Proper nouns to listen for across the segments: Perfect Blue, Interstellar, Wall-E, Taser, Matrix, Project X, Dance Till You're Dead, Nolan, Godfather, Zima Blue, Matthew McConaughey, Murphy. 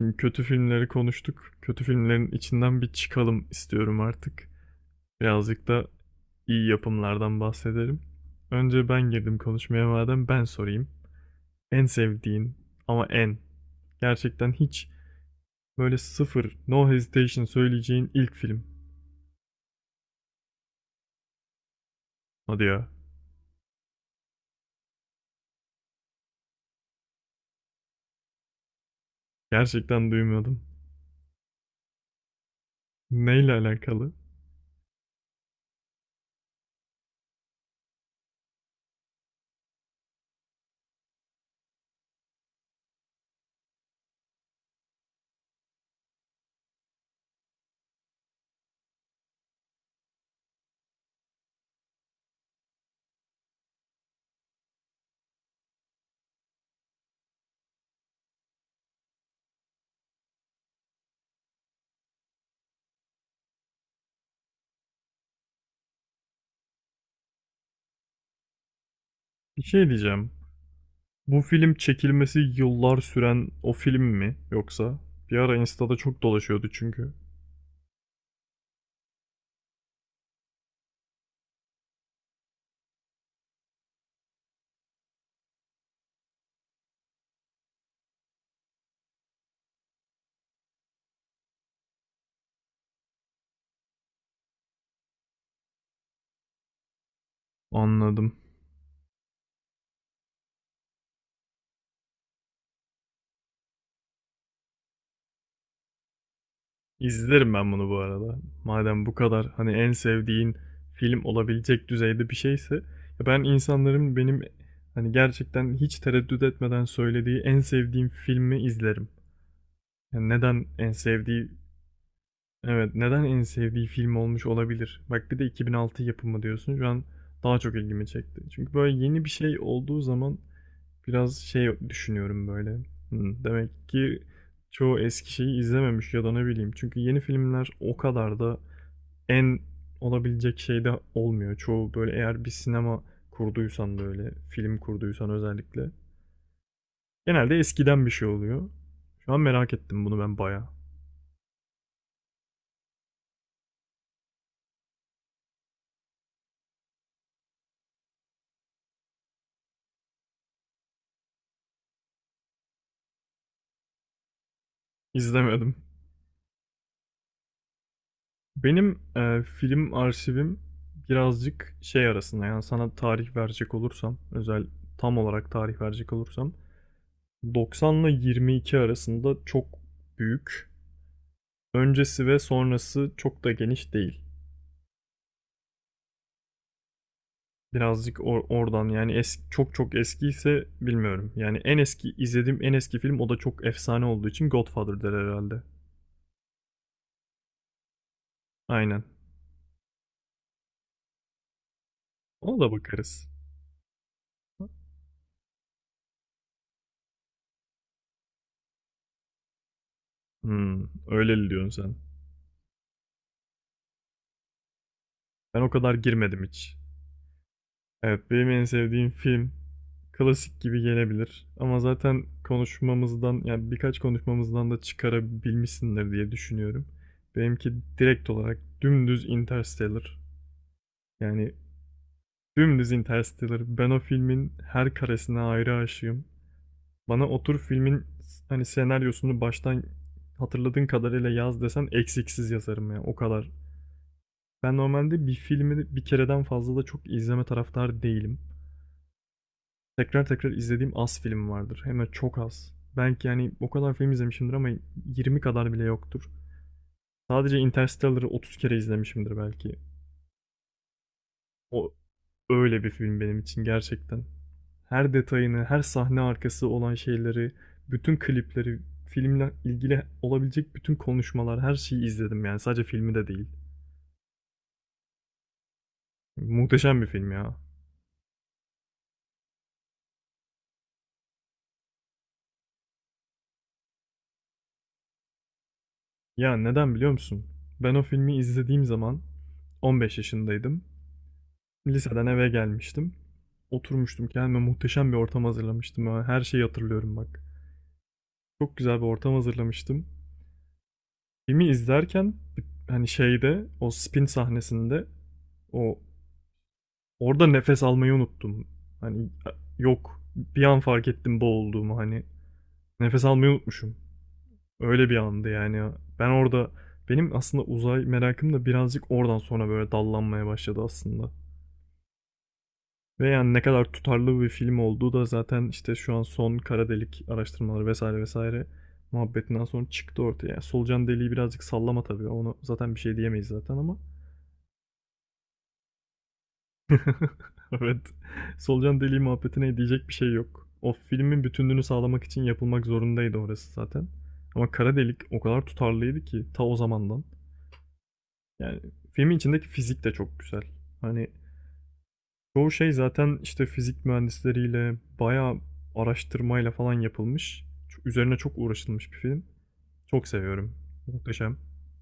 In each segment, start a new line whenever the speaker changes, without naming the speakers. Şimdi kötü filmleri konuştuk. Kötü filmlerin içinden bir çıkalım istiyorum artık. Birazcık da iyi yapımlardan bahsedelim. Önce ben girdim konuşmaya madem ben sorayım. En sevdiğin ama en gerçekten hiç böyle sıfır no hesitation söyleyeceğin ilk film. Hadi ya. Gerçekten duymuyordum. Neyle alakalı? Bir şey diyeceğim. Bu film çekilmesi yıllar süren o film mi yoksa? Bir ara Insta'da çok dolaşıyordu çünkü. Anladım. İzlerim ben bunu bu arada. Madem bu kadar hani en sevdiğin film olabilecek düzeyde bir şeyse ya ben insanların benim hani gerçekten hiç tereddüt etmeden söylediği en sevdiğim filmi izlerim. Yani neden en sevdiği. Evet, neden en sevdiği film olmuş olabilir? Bak bir de 2006 yapımı diyorsun. Şu an daha çok ilgimi çekti. Çünkü böyle yeni bir şey olduğu zaman biraz şey düşünüyorum böyle. Hmm, demek ki çoğu eski şeyi izlememiş ya da ne bileyim. Çünkü yeni filmler o kadar da en olabilecek şey de olmuyor. Çoğu böyle eğer bir sinema kurduysan böyle film kurduysan özellikle. Genelde eskiden bir şey oluyor. Şu an merak ettim bunu ben bayağı. İzlemedim. Benim film arşivim birazcık şey arasında yani sana tarih verecek olursam özel tam olarak tarih verecek olursam 90 ile 22 arasında çok büyük. Öncesi ve sonrası çok da geniş değil. Birazcık oradan yani çok çok eskiyse bilmiyorum. Yani en eski izlediğim en eski film o da çok efsane olduğu için Godfather der herhalde. Aynen. Ona da bakarız. Hmm, öyleli diyorsun sen. Ben o kadar girmedim hiç. Evet, benim en sevdiğim film klasik gibi gelebilir. Ama zaten konuşmamızdan yani birkaç konuşmamızdan da çıkarabilmişsindir diye düşünüyorum. Benimki direkt olarak dümdüz Interstellar. Yani dümdüz Interstellar. Ben o filmin her karesine ayrı aşığım. Bana otur filmin hani senaryosunu baştan hatırladığın kadarıyla yaz desen eksiksiz yazarım ya o kadar. Ben normalde bir filmi bir kereden fazla da çok izleme taraftarı değilim. Tekrar tekrar izlediğim az film vardır. Hem de çok az. Belki yani o kadar film izlemişimdir ama 20 kadar bile yoktur. Sadece Interstellar'ı 30 kere izlemişimdir belki. O öyle bir film benim için gerçekten. Her detayını, her sahne arkası olan şeyleri, bütün klipleri, filmle ilgili olabilecek bütün konuşmalar, her şeyi izledim yani sadece filmi de değil. Muhteşem bir film ya. Ya neden biliyor musun? Ben o filmi izlediğim zaman 15 yaşındaydım. Liseden eve gelmiştim. Oturmuştum, kendime muhteşem bir ortam hazırlamıştım. Ha, her şeyi hatırlıyorum bak. Çok güzel bir ortam hazırlamıştım. Filmi izlerken hani şeyde o spin sahnesinde o Orada nefes almayı unuttum. Hani yok bir an fark ettim boğulduğumu hani. Nefes almayı unutmuşum. Öyle bir andı yani. Ben orada benim aslında uzay merakım da birazcık oradan sonra böyle dallanmaya başladı aslında. Ve yani ne kadar tutarlı bir film olduğu da zaten işte şu an son kara delik araştırmaları vesaire vesaire muhabbetinden sonra çıktı ortaya. Yani solucan deliği birazcık sallama tabii. Onu zaten bir şey diyemeyiz zaten ama evet. Solucan deliği muhabbetine diyecek bir şey yok. O filmin bütünlüğünü sağlamak için yapılmak zorundaydı orası zaten. Ama kara delik o kadar tutarlıydı ki ta o zamandan. Yani filmin içindeki fizik de çok güzel. Hani çoğu şey zaten işte fizik mühendisleriyle bayağı araştırmayla falan yapılmış. Üzerine çok uğraşılmış bir film. Çok seviyorum. Muhteşem.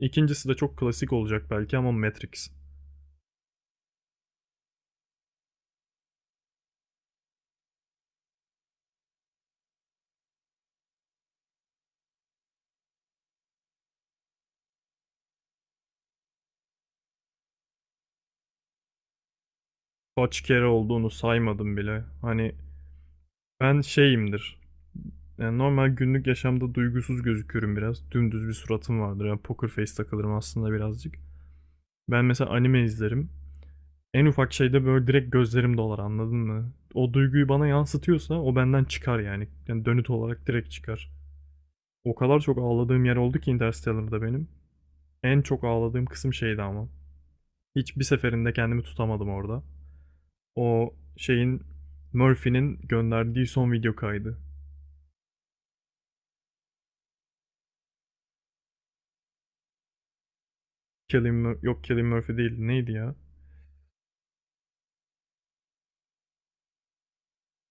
İkincisi de çok klasik olacak belki ama Matrix. Kaç kere olduğunu saymadım bile. Hani ben şeyimdir. Yani normal günlük yaşamda duygusuz gözüküyorum biraz. Dümdüz bir suratım vardır. Yani poker face takılırım aslında birazcık. Ben mesela anime izlerim. En ufak şeyde böyle direkt gözlerim dolar, anladın mı? O duyguyu bana yansıtıyorsa o benden çıkar yani. Yani dönüt olarak direkt çıkar. O kadar çok ağladığım yer oldu ki Interstellar'da benim. En çok ağladığım kısım şeydi ama. Hiçbir seferinde kendimi tutamadım orada. O şeyin Murphy'nin gönderdiği son video kaydı. Killing, yok Killing Murphy değil, neydi ya?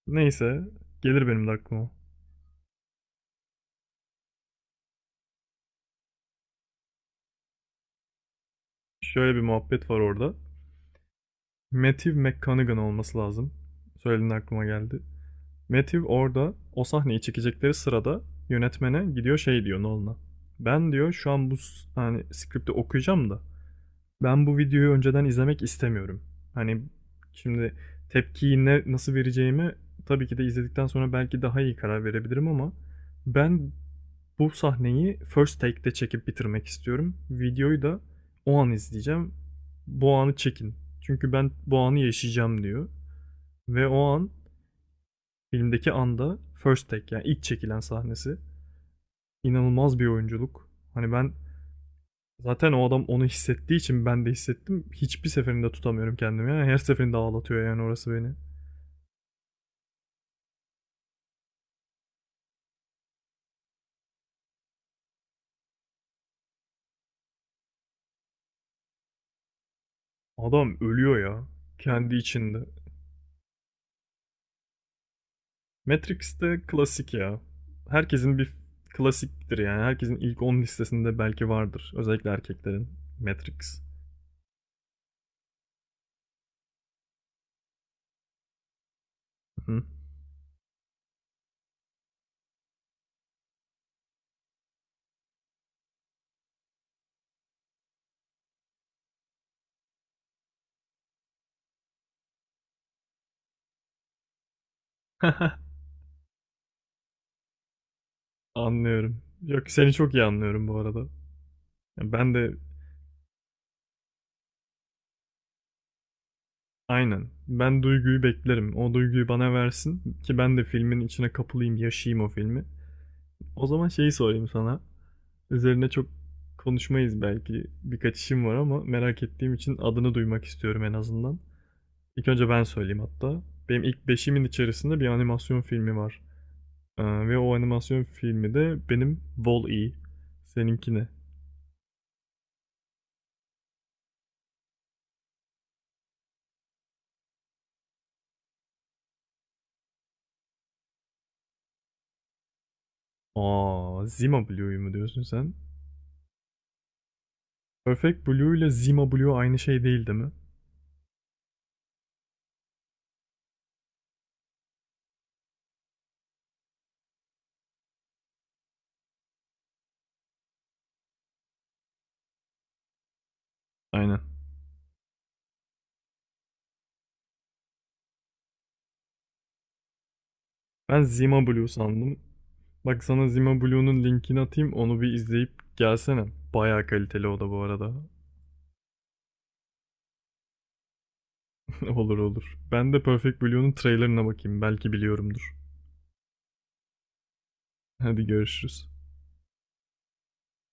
Neyse, gelir benim de aklıma. Şöyle bir muhabbet var orada. Matthew McConaughey olması lazım. Söylediğinde aklıma geldi. Matthew orada o sahneyi çekecekleri sırada yönetmene gidiyor, şey diyor Nolan'a. Ben diyor şu an bu hani skripti okuyacağım da ben bu videoyu önceden izlemek istemiyorum. Hani şimdi tepkiyi ne, nasıl vereceğimi tabii ki de izledikten sonra belki daha iyi karar verebilirim ama ben bu sahneyi first take'de çekip bitirmek istiyorum. Videoyu da o an izleyeceğim. Bu anı çekin. Çünkü ben bu anı yaşayacağım diyor. Ve o an filmdeki anda first take yani ilk çekilen sahnesi. İnanılmaz bir oyunculuk. Hani ben zaten o adam onu hissettiği için ben de hissettim. Hiçbir seferinde tutamıyorum kendimi. Yani her seferinde ağlatıyor yani orası beni. Adam ölüyor ya kendi içinde. Matrix de klasik ya. Herkesin bir klasiktir yani. Herkesin ilk 10 listesinde belki vardır. Özellikle erkeklerin. Matrix. Anlıyorum. Yok, seni çok iyi anlıyorum bu arada. Ya ben de aynen. Ben duyguyu beklerim. O duyguyu bana versin ki ben de filmin içine kapılayım, yaşayayım o filmi. O zaman şeyi sorayım sana. Üzerine çok konuşmayız belki. Birkaç işim var ama merak ettiğim için adını duymak istiyorum en azından. İlk önce ben söyleyeyim hatta. Benim ilk beşimin içerisinde bir animasyon filmi var. Ve o animasyon filmi de benim Wall-E. Seninki ne? Aa, Zima Blue'yu mu diyorsun sen? Perfect Blue ile Zima Blue aynı şey değil değil mi? Aynen. Ben Zima Blue sandım. Bak sana Zima Blue'nun linkini atayım, onu bir izleyip gelsene. Bayağı kaliteli o da bu arada. Olur olur. Ben de Perfect Blue'nun trailerına bakayım, belki biliyorumdur. Hadi görüşürüz.